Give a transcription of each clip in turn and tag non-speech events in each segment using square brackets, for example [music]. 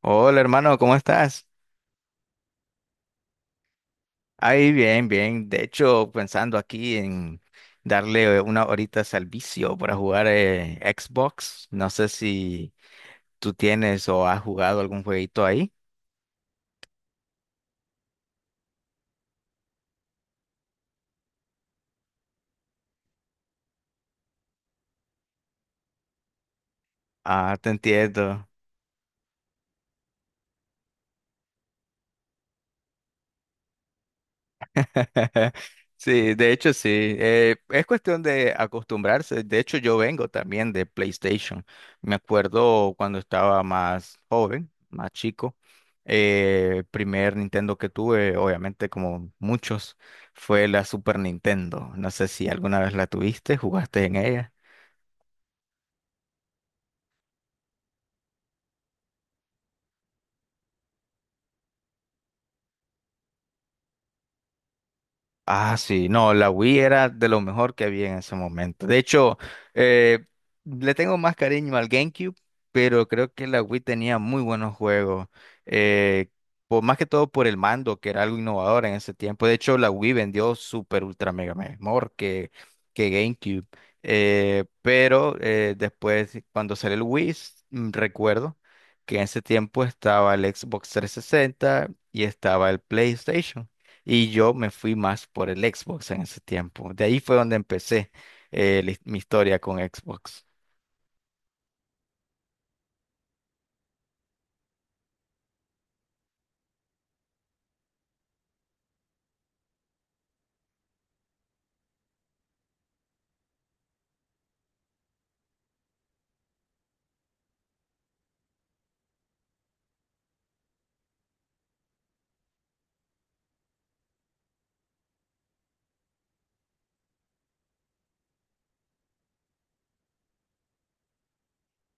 Hola hermano, ¿cómo estás? Ahí bien, bien. De hecho, pensando aquí en darle una horita al vicio para jugar Xbox. No sé si tú tienes o has jugado algún jueguito ahí. Ah, te entiendo. [laughs] Sí, de hecho sí. Es cuestión de acostumbrarse. De hecho, yo vengo también de PlayStation. Me acuerdo cuando estaba más joven, más chico. Primer Nintendo que tuve, obviamente como muchos, fue la Super Nintendo. No sé si alguna vez la tuviste, jugaste en ella. Ah, sí, no, la Wii era de lo mejor que había en ese momento. De hecho, eh, le tengo más cariño al GameCube, pero creo que la Wii tenía muy buenos juegos. eh, por, más que todo por el mando, que era algo innovador en ese tiempo. De hecho, la Wii vendió super ultra mega mejor que GameCube. Pero después, cuando salió el Wii, recuerdo que en ese tiempo estaba el Xbox trescientos sesenta y estaba el PlayStation. Y yo me fui más por el Xbox en ese tiempo. De ahí fue donde empecé, mi historia con Xbox.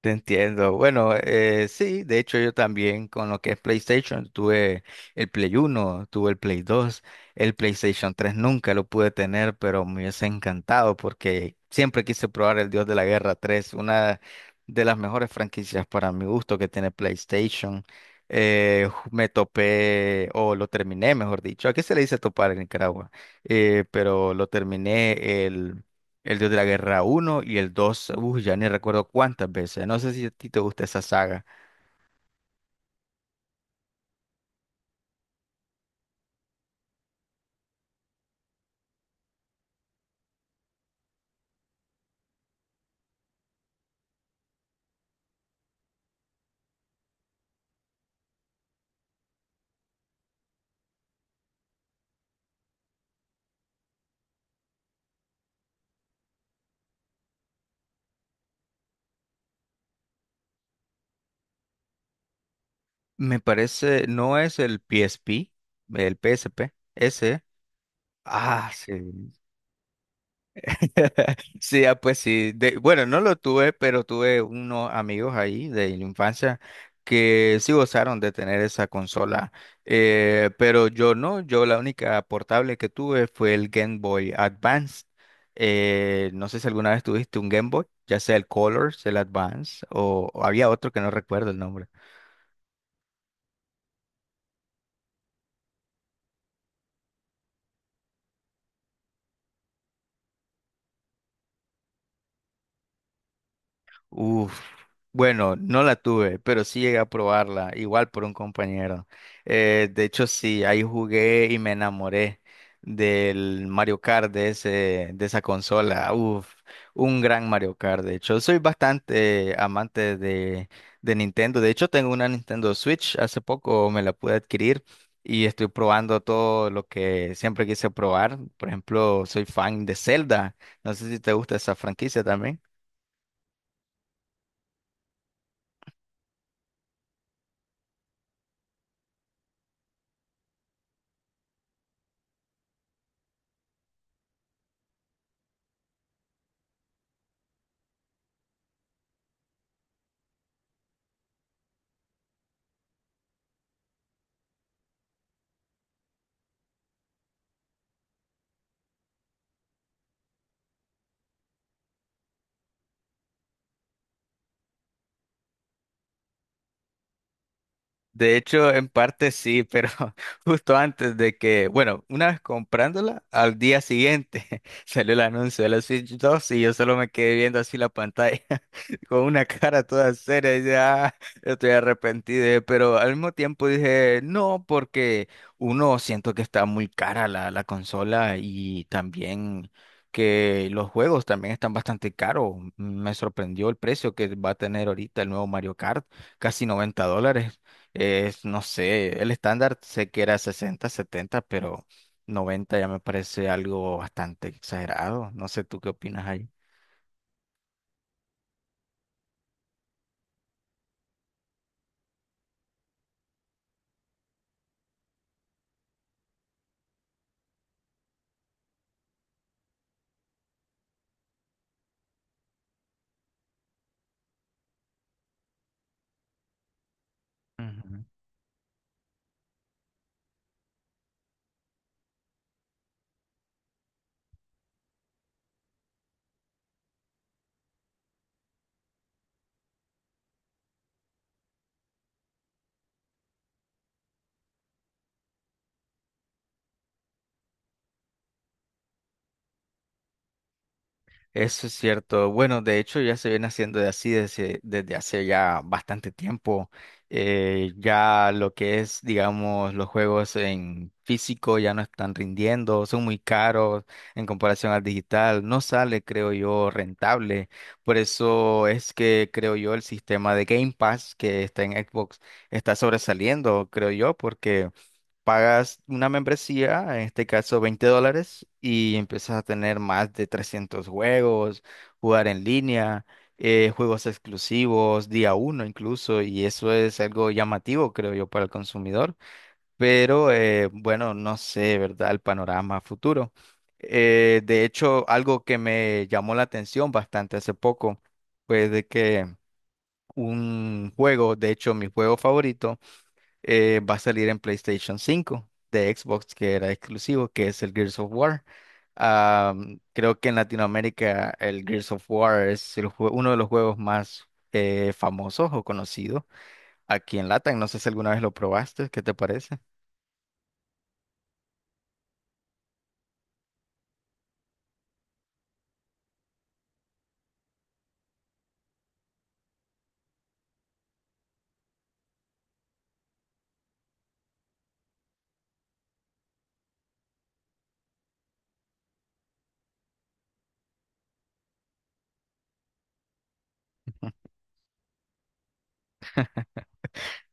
Te entiendo. Bueno, sí, de hecho yo también con lo que es PlayStation tuve el Play Uno, tuve el Play 2, el PlayStation 3 nunca lo pude tener, pero me hubiese encantado porque siempre quise probar el Dios de la Guerra 3, una de las mejores franquicias para mi gusto que tiene PlayStation. Me topé, o lo terminé, mejor dicho. ¿A qué se le dice topar en Nicaragua? Pero lo terminé el Dios de la Guerra uno y el dos, ya ni recuerdo cuántas veces. No sé si a ti te gusta esa saga. Me parece, no es el PSP, el PSP, ese. Ah, sí. [laughs] Sí, ah, pues sí. Bueno, no lo tuve, pero tuve unos amigos ahí de la infancia que sí gozaron de tener esa consola. Pero yo no, yo la única portable que tuve fue el Game Boy Advance. No sé si alguna vez tuviste un Game Boy, ya sea el Colors, el Advance, o había otro que no recuerdo el nombre. Uf, bueno, no la tuve, pero sí llegué a probarla, igual por un compañero. De hecho, sí, ahí jugué y me enamoré del Mario Kart de ese, de esa consola. Uf, un gran Mario Kart, de hecho. Soy bastante amante de Nintendo. De hecho, tengo una Nintendo Switch, hace poco me la pude adquirir. Y estoy probando todo lo que siempre quise probar. Por ejemplo, soy fan de Zelda. No sé si te gusta esa franquicia también. De hecho, en parte sí, pero [laughs] justo antes de que, bueno, una vez comprándola, al día siguiente [laughs] salió el anuncio de la Switch 2 y yo solo me quedé viendo así la pantalla [laughs] con una cara toda seria y dije, ah, estoy arrepentido, pero al mismo tiempo dije, no, porque uno siento que está muy cara la consola y también que los juegos también están bastante caros. Me sorprendió el precio que va a tener ahorita el nuevo Mario Kart, casi $90. Es no sé, el estándar sé que era 60, 70, pero 90 ya me parece algo bastante exagerado. No sé, ¿tú qué opinas ahí? Eso es cierto. Bueno, de hecho ya se viene haciendo de así desde, desde hace ya bastante tiempo. Ya lo que es, digamos, los juegos en físico ya no están rindiendo, son muy caros en comparación al digital. No sale, creo yo, rentable. Por eso es que creo yo el sistema de Game Pass que está en Xbox está sobresaliendo, creo yo, porque pagas una membresía, en este caso $20, y empiezas a tener más de 300 juegos, jugar en línea, juegos exclusivos, día uno incluso, y eso es algo llamativo, creo yo, para el consumidor. Pero bueno, no sé, ¿verdad? El panorama futuro. De hecho, algo que me llamó la atención bastante hace poco fue de que un juego, de hecho, mi juego favorito, va a salir en PlayStation 5 de Xbox, que era exclusivo, que es el Gears of War. Am, creo que en Latinoamérica el Gears of War es uno de los juegos más famosos o conocidos aquí en Latam. No sé si alguna vez lo probaste, ¿qué te parece?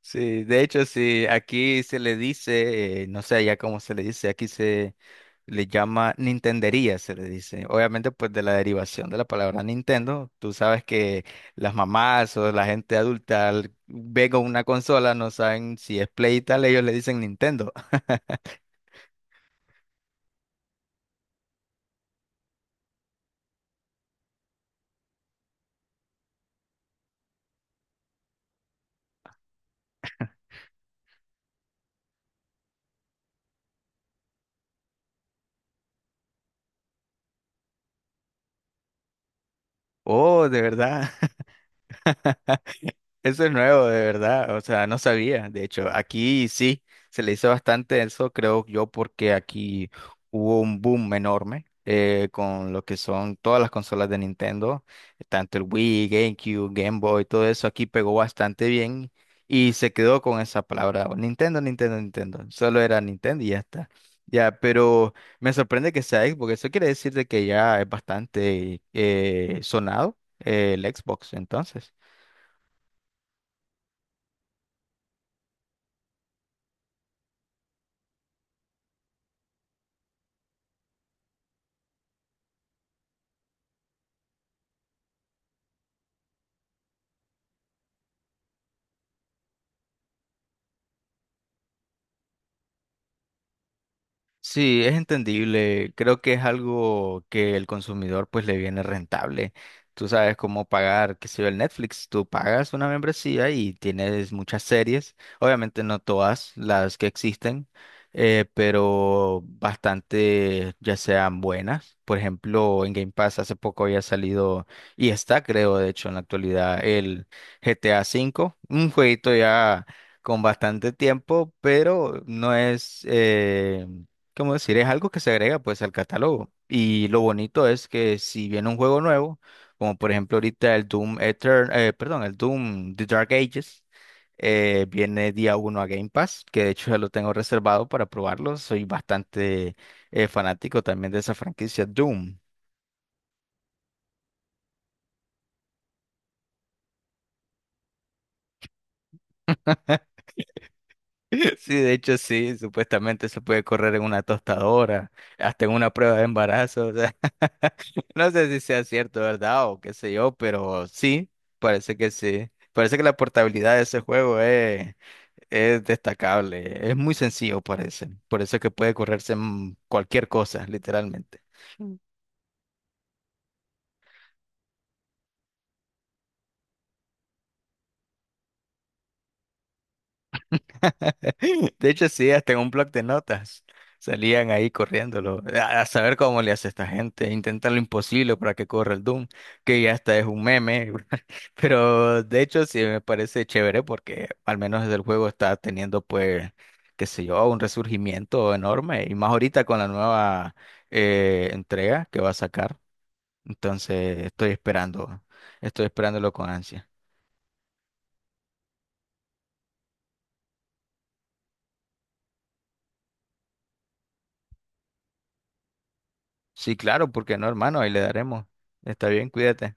Sí, de hecho, sí, aquí se le dice, no sé ya cómo se le dice, aquí se le llama Nintendería, se le dice. Obviamente, pues de la derivación de la palabra Nintendo, tú sabes que las mamás o la gente adulta ve con una consola, no saben si es Play y tal, ellos le dicen Nintendo. [laughs] Oh, de verdad. Eso es nuevo, de verdad. O sea, no sabía. De hecho, aquí sí se le hizo bastante eso, creo yo, porque aquí hubo un boom enorme, con lo que son todas las consolas de Nintendo, tanto el Wii, GameCube, Game Boy, todo eso aquí pegó bastante bien y se quedó con esa palabra, o Nintendo, Nintendo, Nintendo. Solo era Nintendo y ya está. Ya, pero me sorprende que sea Xbox, eso quiere decir de que ya es bastante sonado, el Xbox, entonces. Sí, es entendible. Creo que es algo que el consumidor pues le viene rentable. Tú sabes cómo pagar, qué sé yo, el Netflix. Tú pagas una membresía y tienes muchas series. Obviamente no todas las que existen, pero bastante ya sean buenas. Por ejemplo, en Game Pass hace poco había salido y está, creo, de hecho, en la actualidad el GTA V, un jueguito ya con bastante tiempo, pero no es… ¿cómo decir? Es algo que se agrega pues al catálogo. Y lo bonito es que si viene un juego nuevo, como por ejemplo ahorita el el Doom The Dark Ages, viene día uno a Game Pass, que de hecho ya lo tengo reservado para probarlo. Soy bastante fanático también de esa franquicia Doom. [laughs] [laughs] Sí, de hecho sí, supuestamente se puede correr en una tostadora, hasta en una prueba de embarazo, o sea, [laughs] no sé si sea cierto, ¿verdad? O qué sé yo, pero sí. Parece que la portabilidad de ese juego es destacable, es muy sencillo, parece. Por eso es que puede correrse en cualquier cosa, literalmente. [laughs] De hecho, sí, hasta en un blog de notas salían ahí corriéndolo. A saber cómo le hace esta gente, intentar lo imposible para que corra el Doom, que ya hasta es un meme. [laughs] Pero de hecho, sí me parece chévere porque al menos desde el juego está teniendo, pues, qué sé yo, un resurgimiento enorme. Y más ahorita con la nueva entrega que va a sacar. Entonces, estoy esperando, estoy esperándolo con ansia. Sí, claro, porque no, hermano, ahí le daremos. Está bien, cuídate.